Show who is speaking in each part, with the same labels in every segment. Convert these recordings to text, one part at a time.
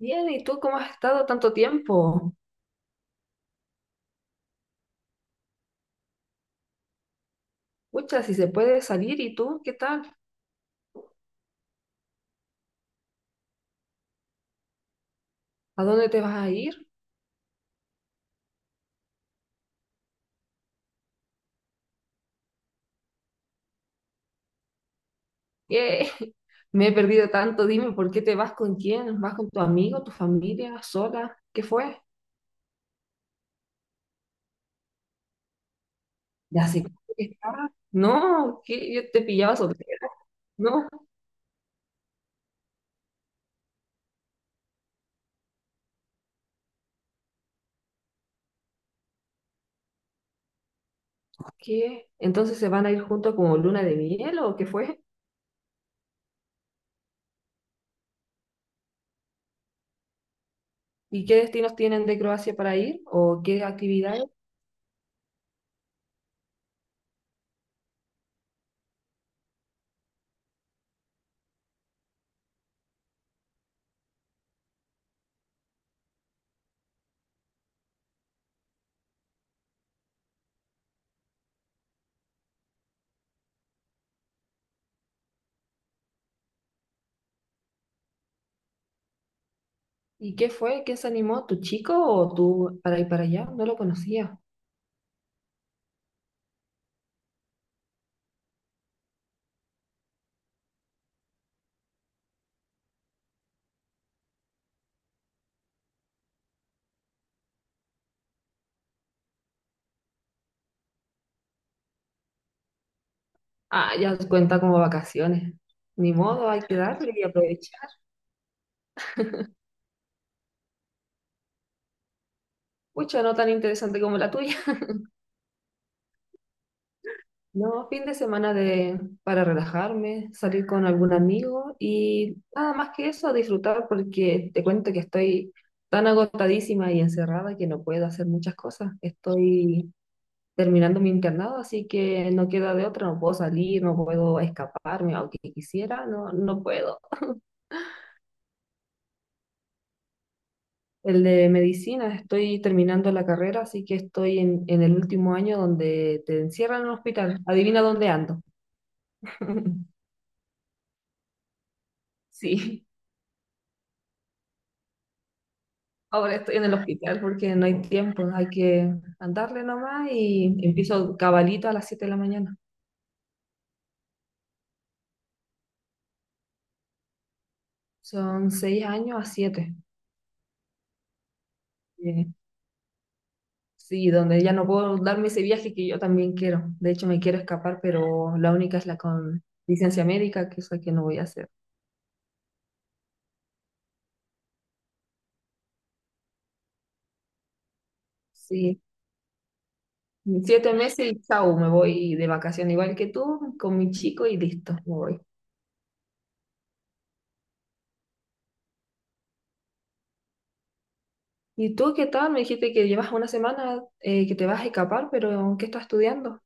Speaker 1: Bien, ¿y tú cómo has estado tanto tiempo? Pucha, si se puede salir, ¿y tú qué tal? ¿A dónde te vas a ir? Eh, me he perdido tanto, dime, ¿por qué te vas con quién? ¿Vas con tu amigo, tu familia, sola? ¿Qué fue? ¿Ya hace cuánto que estabas? No, que yo te pillaba soltera. No, ¿qué? ¿Entonces se van a ir juntos como luna de miel o qué fue? ¿Y qué destinos tienen de Croacia para ir? ¿O qué actividades? ¿Y qué fue? ¿Quién se animó? ¿Tu chico o tú para ir para allá? No lo conocía. Ah, ya cuenta como vacaciones. Ni modo, hay que darle y aprovechar. Pucha, no tan interesante como la tuya. No, fin de semana para relajarme, salir con algún amigo y nada más que eso, disfrutar porque te cuento que estoy tan agotadísima y encerrada que no puedo hacer muchas cosas. Estoy terminando mi internado, así que no queda de otra, no puedo salir, no puedo escaparme, aunque quisiera, no, no puedo. El de medicina, estoy terminando la carrera, así que estoy en el último año donde te encierran en el hospital. Adivina dónde ando. Sí, ahora estoy en el hospital porque no hay tiempo, hay que andarle nomás y empiezo cabalito a las 7 de la mañana. Son 6 años a 7. Eh, sí, donde ya no puedo darme ese viaje que yo también quiero. De hecho, me quiero escapar, pero la única es la con licencia médica, que es la que no voy a hacer. Sí, 7 meses y chau, me voy de vacación, igual que tú, con mi chico y listo, me voy. ¿Y tú qué tal? Me dijiste que llevas una semana que te vas a escapar, pero ¿qué estás estudiando?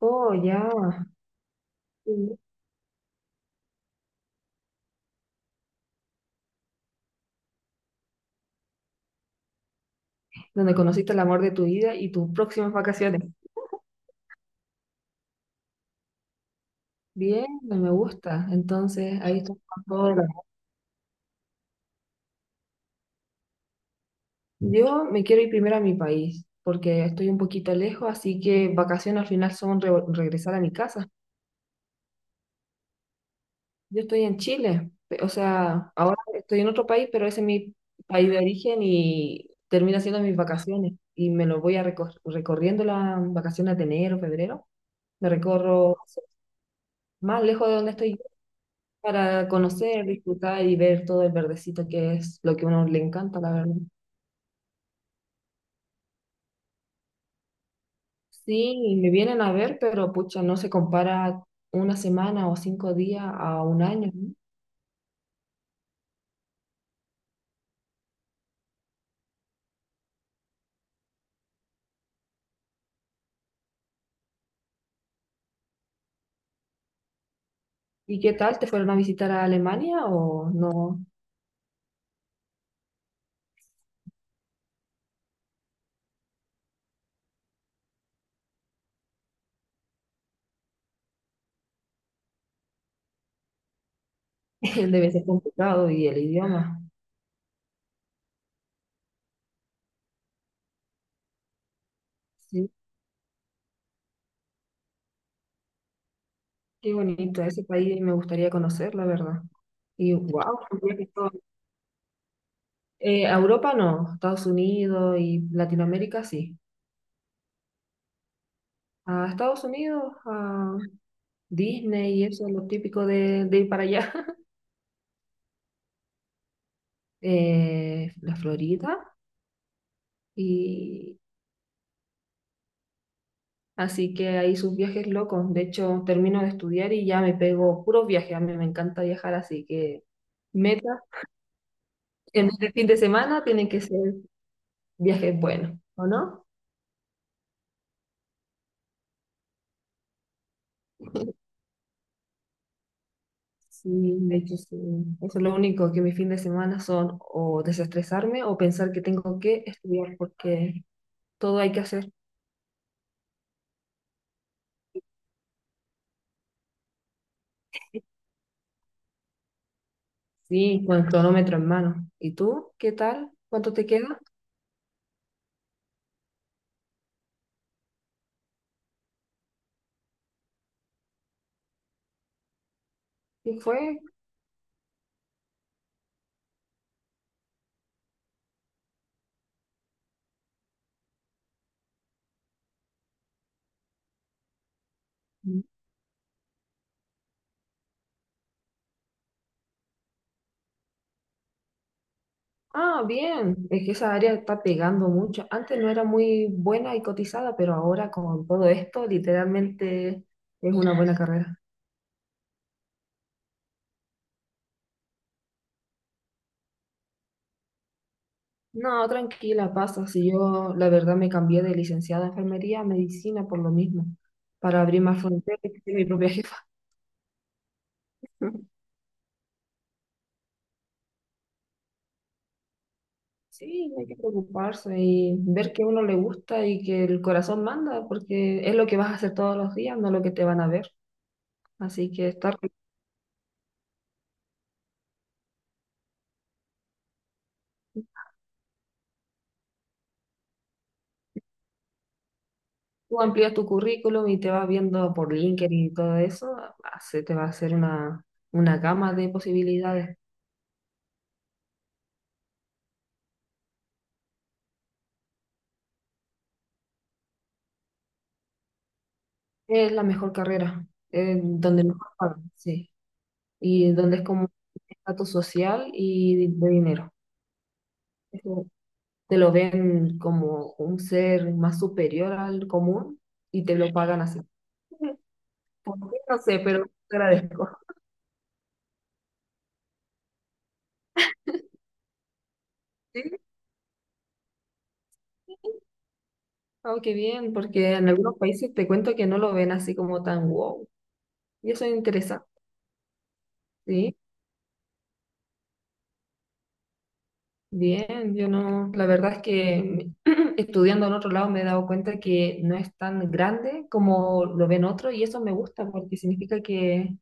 Speaker 1: Oh, ya. Sí. Donde conociste el amor de tu vida y tus próximas vacaciones. Bien, me gusta. Entonces, ahí estás con todo el amor. Yo me quiero ir primero a mi país, porque estoy un poquito lejos, así que vacaciones al final son regresar a mi casa. Yo estoy en Chile, o sea, ahora estoy en otro país, pero ese es mi país de origen y termina siendo mis vacaciones. Y me lo voy a recorriendo las vacaciones de enero, febrero. Me recorro más lejos de donde estoy yo para conocer, disfrutar y ver todo el verdecito que es lo que a uno le encanta, la verdad. Sí, me vienen a ver, pero pucha, no se compara una semana o 5 días a un año, ¿no? ¿Y qué tal? ¿Te fueron a visitar a Alemania o no? Debe ser complicado y el idioma. Sí, qué bonito ese país, me gustaría conocer, la verdad. Y wow, a Europa no, Estados Unidos y Latinoamérica sí. A Estados Unidos, a Disney y eso es lo típico de ir para allá. La Florida y así que ahí sus viajes locos. De hecho, termino de estudiar y ya me pego puros viajes. A mí me encanta viajar, así que metas en este fin de semana tienen que ser. Viaje es bueno, ¿o no? Sí, de hecho, sí. Eso es lo único que mis fines de semana son o desestresarme o pensar que tengo que estudiar porque todo hay que hacer. Sí, con el cronómetro en mano. ¿Y tú? ¿Qué tal? ¿Cuánto te queda? ¿Qué fue? Ah, bien. Es que esa área está pegando mucho. Antes no era muy buena y cotizada, pero ahora con todo esto, literalmente es una buena carrera. No, tranquila, pasa. Si yo, la verdad, me cambié de licenciada de enfermería a medicina por lo mismo, para abrir más fronteras y ser mi propia jefa. Sí, no hay que preocuparse y ver que a uno le gusta y que el corazón manda, porque es lo que vas a hacer todos los días, no lo que te van a ver. Así que estar, tú amplías tu currículum y te vas viendo por LinkedIn y todo eso, se te va a hacer una gama de posibilidades. Es la mejor carrera, es donde mejor pagan, sí. Y donde es como un estatus social y de dinero. Es como. Te lo ven como un ser más superior al común y te lo pagan así. ¿Por qué? No sé, pero te agradezco. Sí, oh, qué bien, porque en algunos países te cuento que no lo ven así como tan wow. Y eso es interesante, sí. Bien, yo no, la verdad es que estudiando en otro lado me he dado cuenta que no es tan grande como lo ven otros y eso me gusta porque significa que.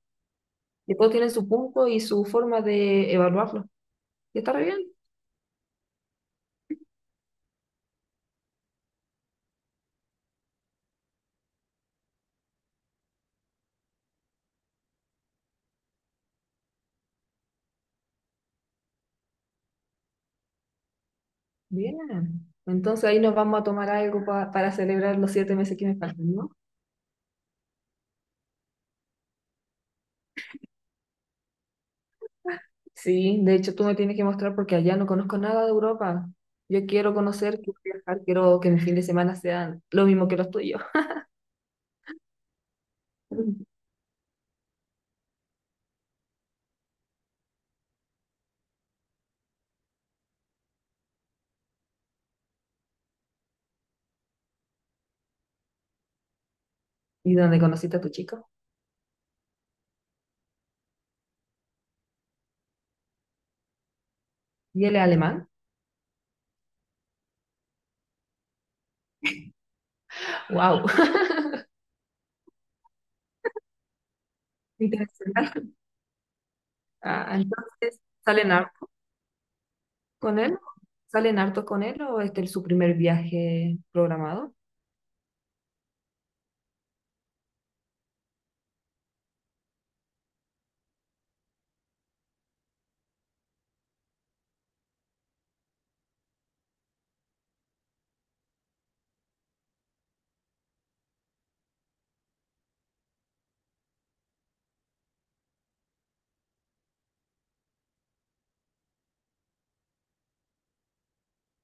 Speaker 1: Y todos tienen su punto y su forma de evaluarlo. Y está re bien. Bien. Entonces ahí nos vamos a tomar algo para celebrar los 7 meses que me faltan, ¿no? Sí, de hecho tú me tienes que mostrar porque allá no conozco nada de Europa. Yo quiero conocer, quiero viajar, quiero que mis fin de semana sean lo mismo que los tuyos. ¿Y dónde conociste a tu chico? ¿Y él es alemán? ¡Wow! Internacional. Ah, entonces, ¿salen hartos con él? ¿Salen hartos con él o este es su primer viaje programado?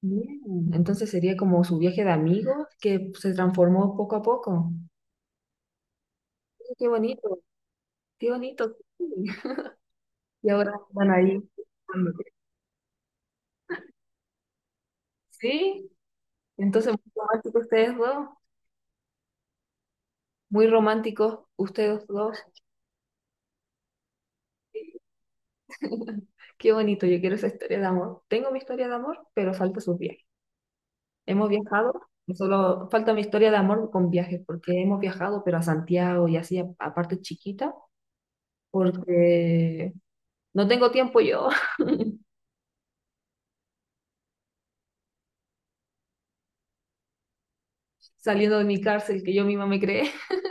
Speaker 1: Bien. Entonces sería como su viaje de amigos que se transformó poco a poco. Sí, qué bonito, qué bonito, sí. Y ahora van ahí. Sí, entonces muy románticos ustedes dos. Qué bonito, yo quiero esa historia de amor. Tengo mi historia de amor, pero falta sus viajes. Hemos viajado, no solo falta mi historia de amor con viajes, porque hemos viajado, pero a Santiago y así, a partes chiquitas, porque no tengo tiempo yo. Saliendo de mi cárcel que yo misma me creé.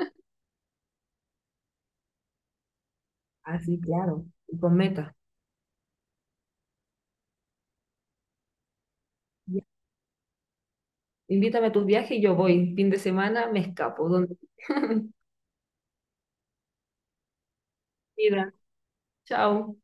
Speaker 1: Así, claro, y con meta. Ya. Invítame a tus viajes y yo voy. Fin de semana me escapo. Donde... Mira, chao.